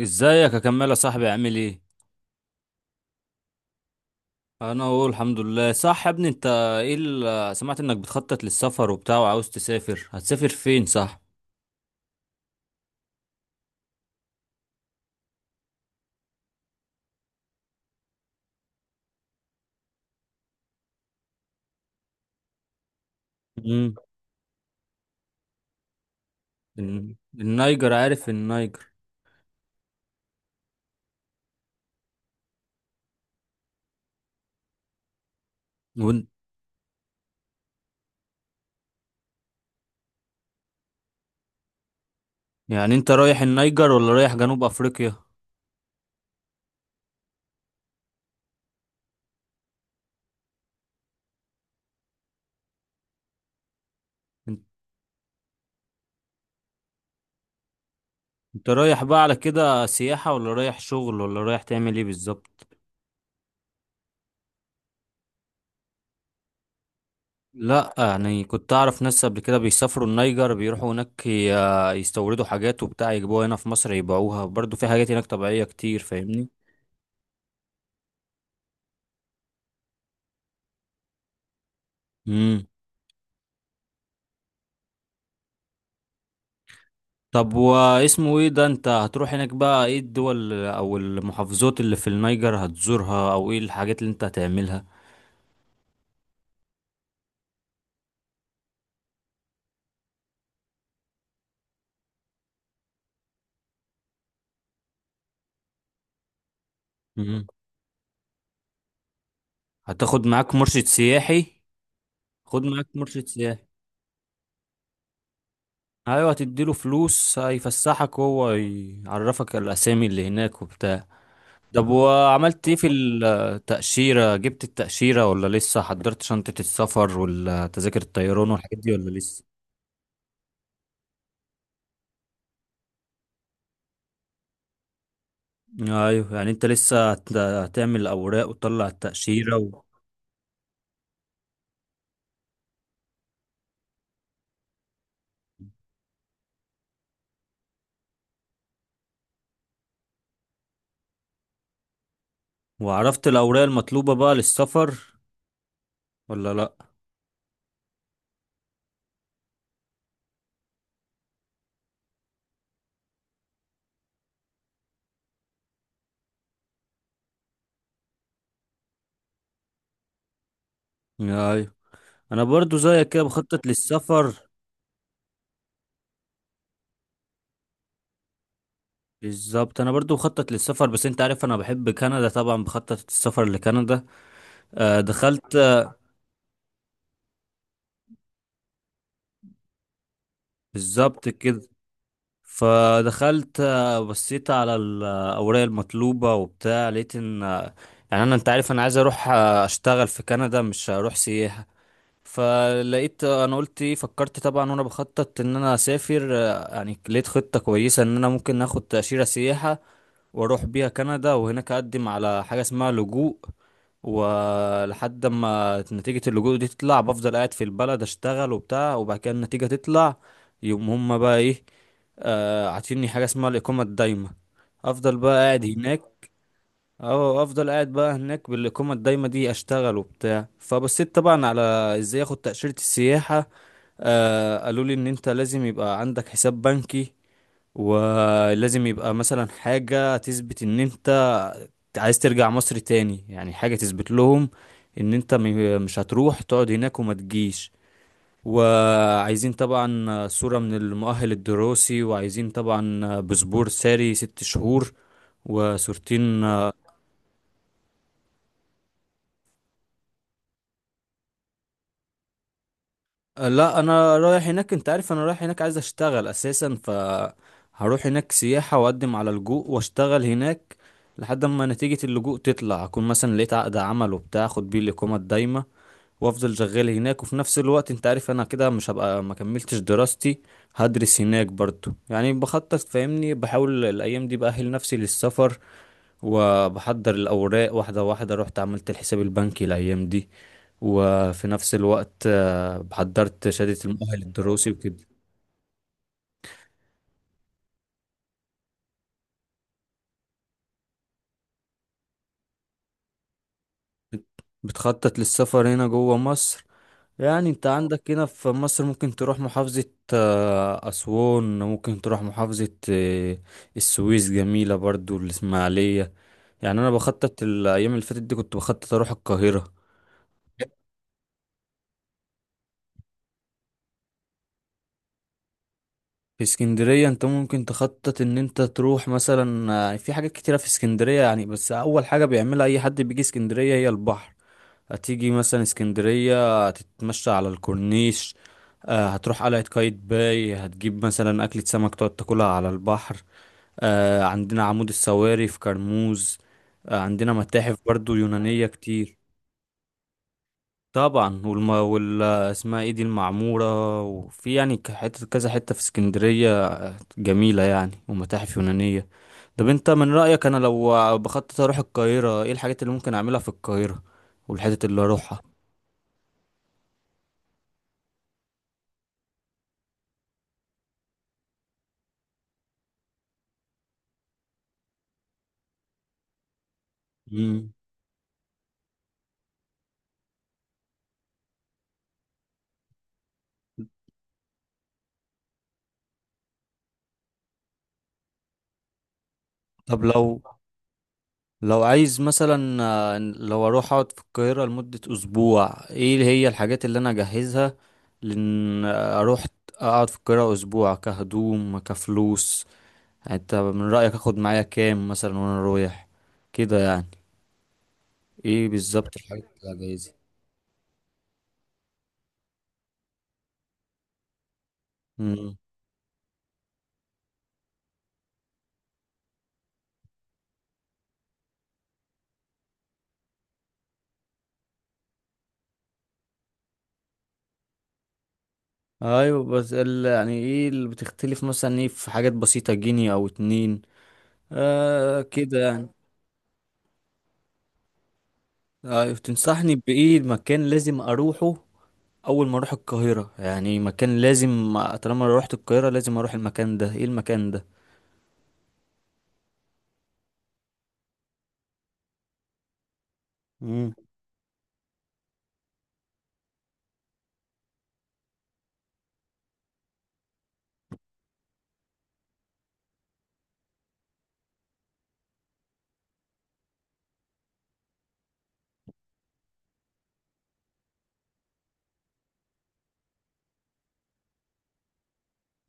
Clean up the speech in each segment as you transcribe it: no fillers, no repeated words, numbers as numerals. ازيك؟ اكمل يا صاحبي، عامل ايه؟ انا اقول الحمد لله، صح يا ابني انت؟ ايه اللي سمعت انك بتخطط للسفر وبتاع وعاوز تسافر؟ هتسافر فين؟ صح؟ امم. النيجر، عارف النيجر؟ وإن-. يعني انت رايح النيجر ولا رايح جنوب افريقيا؟ ان- انت رايح بقى على كده سياحة، ولا رايح شغل، ولا رايح تعمل ايه بالظبط؟ لا، يعني كنت اعرف ناس قبل كده بيسافروا النيجر، بيروحوا هناك يستوردوا حاجات وبتاع يجيبوها هنا في مصر يبيعوها. برضو في حاجات هناك طبيعية كتير، فاهمني؟ مم. طب واسمه ايه ده؟ انت هتروح هناك بقى، ايه الدول او المحافظات اللي في النيجر هتزورها، او ايه الحاجات اللي انت هتعملها؟ مم. هتاخد معاك مرشد سياحي؟ خد معاك مرشد سياحي. ايوه، هتديله فلوس هيفسحك وهو يعرفك الاسامي اللي هناك وبتاع. طب وعملت ايه في التأشيرة؟ جبت التأشيرة ولا لسه؟ حضرت شنطة السفر، ولا تذاكر الطيران والحاجات دي ولا لسه؟ ايوه، يعني انت لسه هتعمل اوراق وتطلع التأشيرة. وعرفت الأوراق المطلوبة بقى للسفر ولا لأ؟ أيوة. أنا برضو زيك كده بخطط للسفر. بالظبط، أنا برضو بخطط للسفر، بس أنت عارف أنا بحب كندا، طبعا بخطط السفر لكندا. دخلت. بالظبط كده. فدخلت، بصيت على الأوراق المطلوبة وبتاع، لقيت إن. يعني أنا، أنت عارف أنا عايز أروح أشتغل في كندا، مش هروح سياحة. فلقيت، انا قلت ايه، فكرت طبعا وانا بخطط ان انا اسافر، يعني لقيت خطة كويسة ان انا ممكن اخد تأشيرة سياحة. واروح بيها كندا، وهناك اقدم على حاجة اسمها لجوء. ولحد ما نتيجة اللجوء دي تطلع، بفضل قاعد في البلد اشتغل وبتاع، وبعد كده النتيجة تطلع. يقوم هما بقى ايه، عاطيني حاجة اسمها الإقامة الدايمة. أفضل بقى قاعد هناك. اه، افضل قاعد بقى هناك بالاقامه الدايمه دي، اشتغل وبتاع. فبصيت طبعا على ازاي اخد تاشيره السياحه. قالوا لي ان انت لازم يبقى عندك حساب بنكي، ولازم يبقى مثلا حاجه تثبت ان انت عايز ترجع مصر تاني، يعني حاجه تثبت لهم ان انت مش هتروح تقعد هناك وما تجيش. وعايزين طبعا صوره من المؤهل الدراسي، وعايزين طبعا باسبور ساري 6 شهور، وصورتين. لا، انا رايح هناك. انت عارف انا رايح هناك عايز اشتغل اساسا، ف هروح هناك سياحة واقدم على لجوء واشتغل هناك. لحد ما نتيجة اللجوء تطلع، اكون مثلا لقيت عقد عمل وبتاع، اخد بيه الاقامة الدايمة، وافضل شغال هناك. وفي نفس الوقت انت عارف انا كده مش هبقى ما كملتش دراستي، هدرس هناك برضو. يعني بخطط، فاهمني، بحاول الايام دي بأهل نفسي للسفر، وبحضر الاوراق واحدة واحدة، رحت عملت الحساب البنكي الايام دي، وفي نفس الوقت حضرت شهادة المؤهل الدراسي وكده. بتخطط للسفر هنا جوه مصر؟ يعني انت عندك هنا في مصر ممكن تروح محافظة أسوان، ممكن تروح محافظة السويس، جميلة برضو الإسماعيلية. يعني أنا بخطط الأيام اللي فاتت دي، كنت بخطط أروح القاهرة. في اسكندرية انت ممكن تخطط ان انت تروح مثلا، في حاجات كتيرة في اسكندرية. يعني بس أول حاجة بيعملها أي حد بيجي اسكندرية هي البحر. هتيجي مثلا اسكندرية، هتتمشى على الكورنيش، هتروح قلعة قايتباي، هتجيب مثلا أكلة سمك تقعد تاكلها على البحر. عندنا عمود السواري في كرموز. عندنا متاحف برضو يونانية كتير. طبعا وال اسمها ايه دي المعمورة، وفي يعني حتة كذا حتة في اسكندرية، جميلة يعني، ومتاحف يونانية. طب انت من رأيك، انا لو بخطط اروح القاهرة، ايه الحاجات اللي ممكن اعملها في القاهرة والحتت اللي اروحها؟ مم. طب لو عايز مثلا، لو اروح اقعد في القاهرة لمدة اسبوع، ايه اللي هي الحاجات اللي انا اجهزها، لان اروح اقعد في القاهرة اسبوع، كهدوم، كفلوس، يعني انت من رأيك اخد معايا كام مثلا وانا رايح كده يعني، ايه بالظبط الحاجات اللي هجهزها؟ مم. ايوه بس يعني ايه اللي بتختلف، مثلا ايه، في حاجات بسيطة، جنيه او اتنين، كده يعني. ايوه، تنصحني بايه المكان لازم اروحه؟ اول ما اروح القاهره، يعني مكان لازم، طالما روحت القاهره لازم اروح المكان ده، ايه المكان ده؟ امم.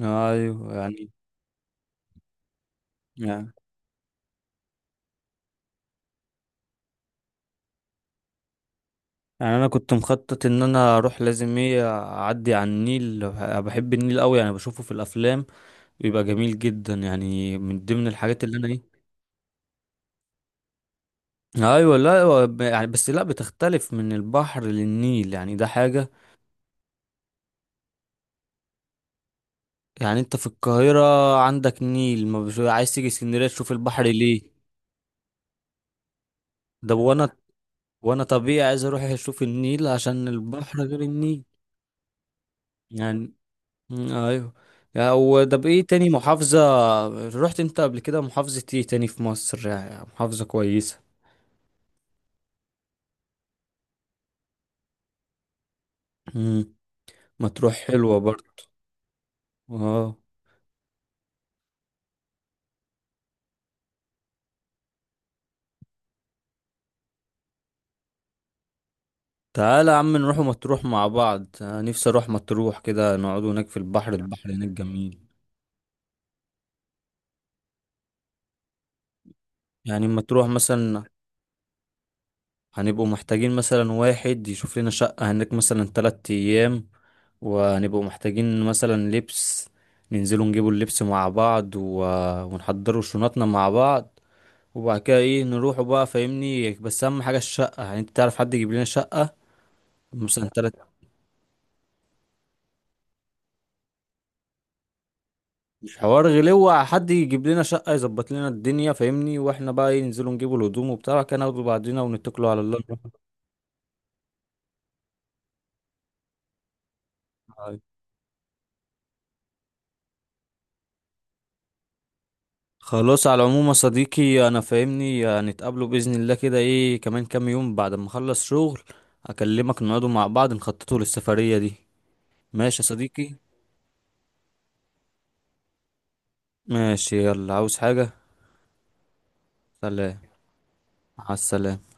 ايوه. يعني يعني انا كنت مخطط ان انا اروح لازم ايه، اعدي على النيل. أنا بحب النيل قوي، يعني بشوفه في الافلام، بيبقى جميل جدا، يعني من ضمن الحاجات اللي انا ايه. ايوه، لا، هو يعني بس لا، بتختلف من البحر للنيل، يعني ده حاجه. يعني انت في القاهره عندك نيل، ما بش... عايز تيجي اسكندريه تشوف البحر ليه؟ ده، وانا طبيعي عايز اروح اشوف النيل عشان البحر غير النيل. يعني، مم، ايوه. يعني هو ده بايه، تاني محافظة، رحت انت قبل كده محافظة ايه تاني في مصر، يعني محافظة كويسة؟ مم. مطروح حلوة برضه. اه. تعالى يا عم، نروح مطروح مع بعض. أنا نفسي اروح مطروح كده، نقعد هناك في البحر. البحر هناك جميل. يعني مطروح مثلا، هنبقوا محتاجين مثلا واحد يشوف لنا شقة هناك مثلا 3 أيام، وهنبقوا محتاجين مثلا لبس، ننزلوا نجيبوا اللبس مع بعض، ونحضروا شنطنا مع بعض. وبعد كده ايه، نروحوا بقى فاهمني. بس أهم حاجة الشقة، يعني انت تعرف حد يجيب لنا شقة مثلا تلات. مش حوار غلوة. حد يجيب لنا شقة يظبط لنا الدنيا فاهمني، واحنا بقى ايه، ننزلوا نجيبوا الهدوم وبتاع كده، ناخدوا بعضنا ونتكلوا على الله. خلاص، على العموم يا صديقي، انا فاهمني، هنتقابلوا باذن الله كده، ايه كمان كام يوم بعد ما اخلص شغل، اكلمك نقعدوا مع بعض نخططوا للسفريه دي. ماشي يا صديقي. ماشي، يلا، عاوز حاجه؟ سلام. مع السلامه.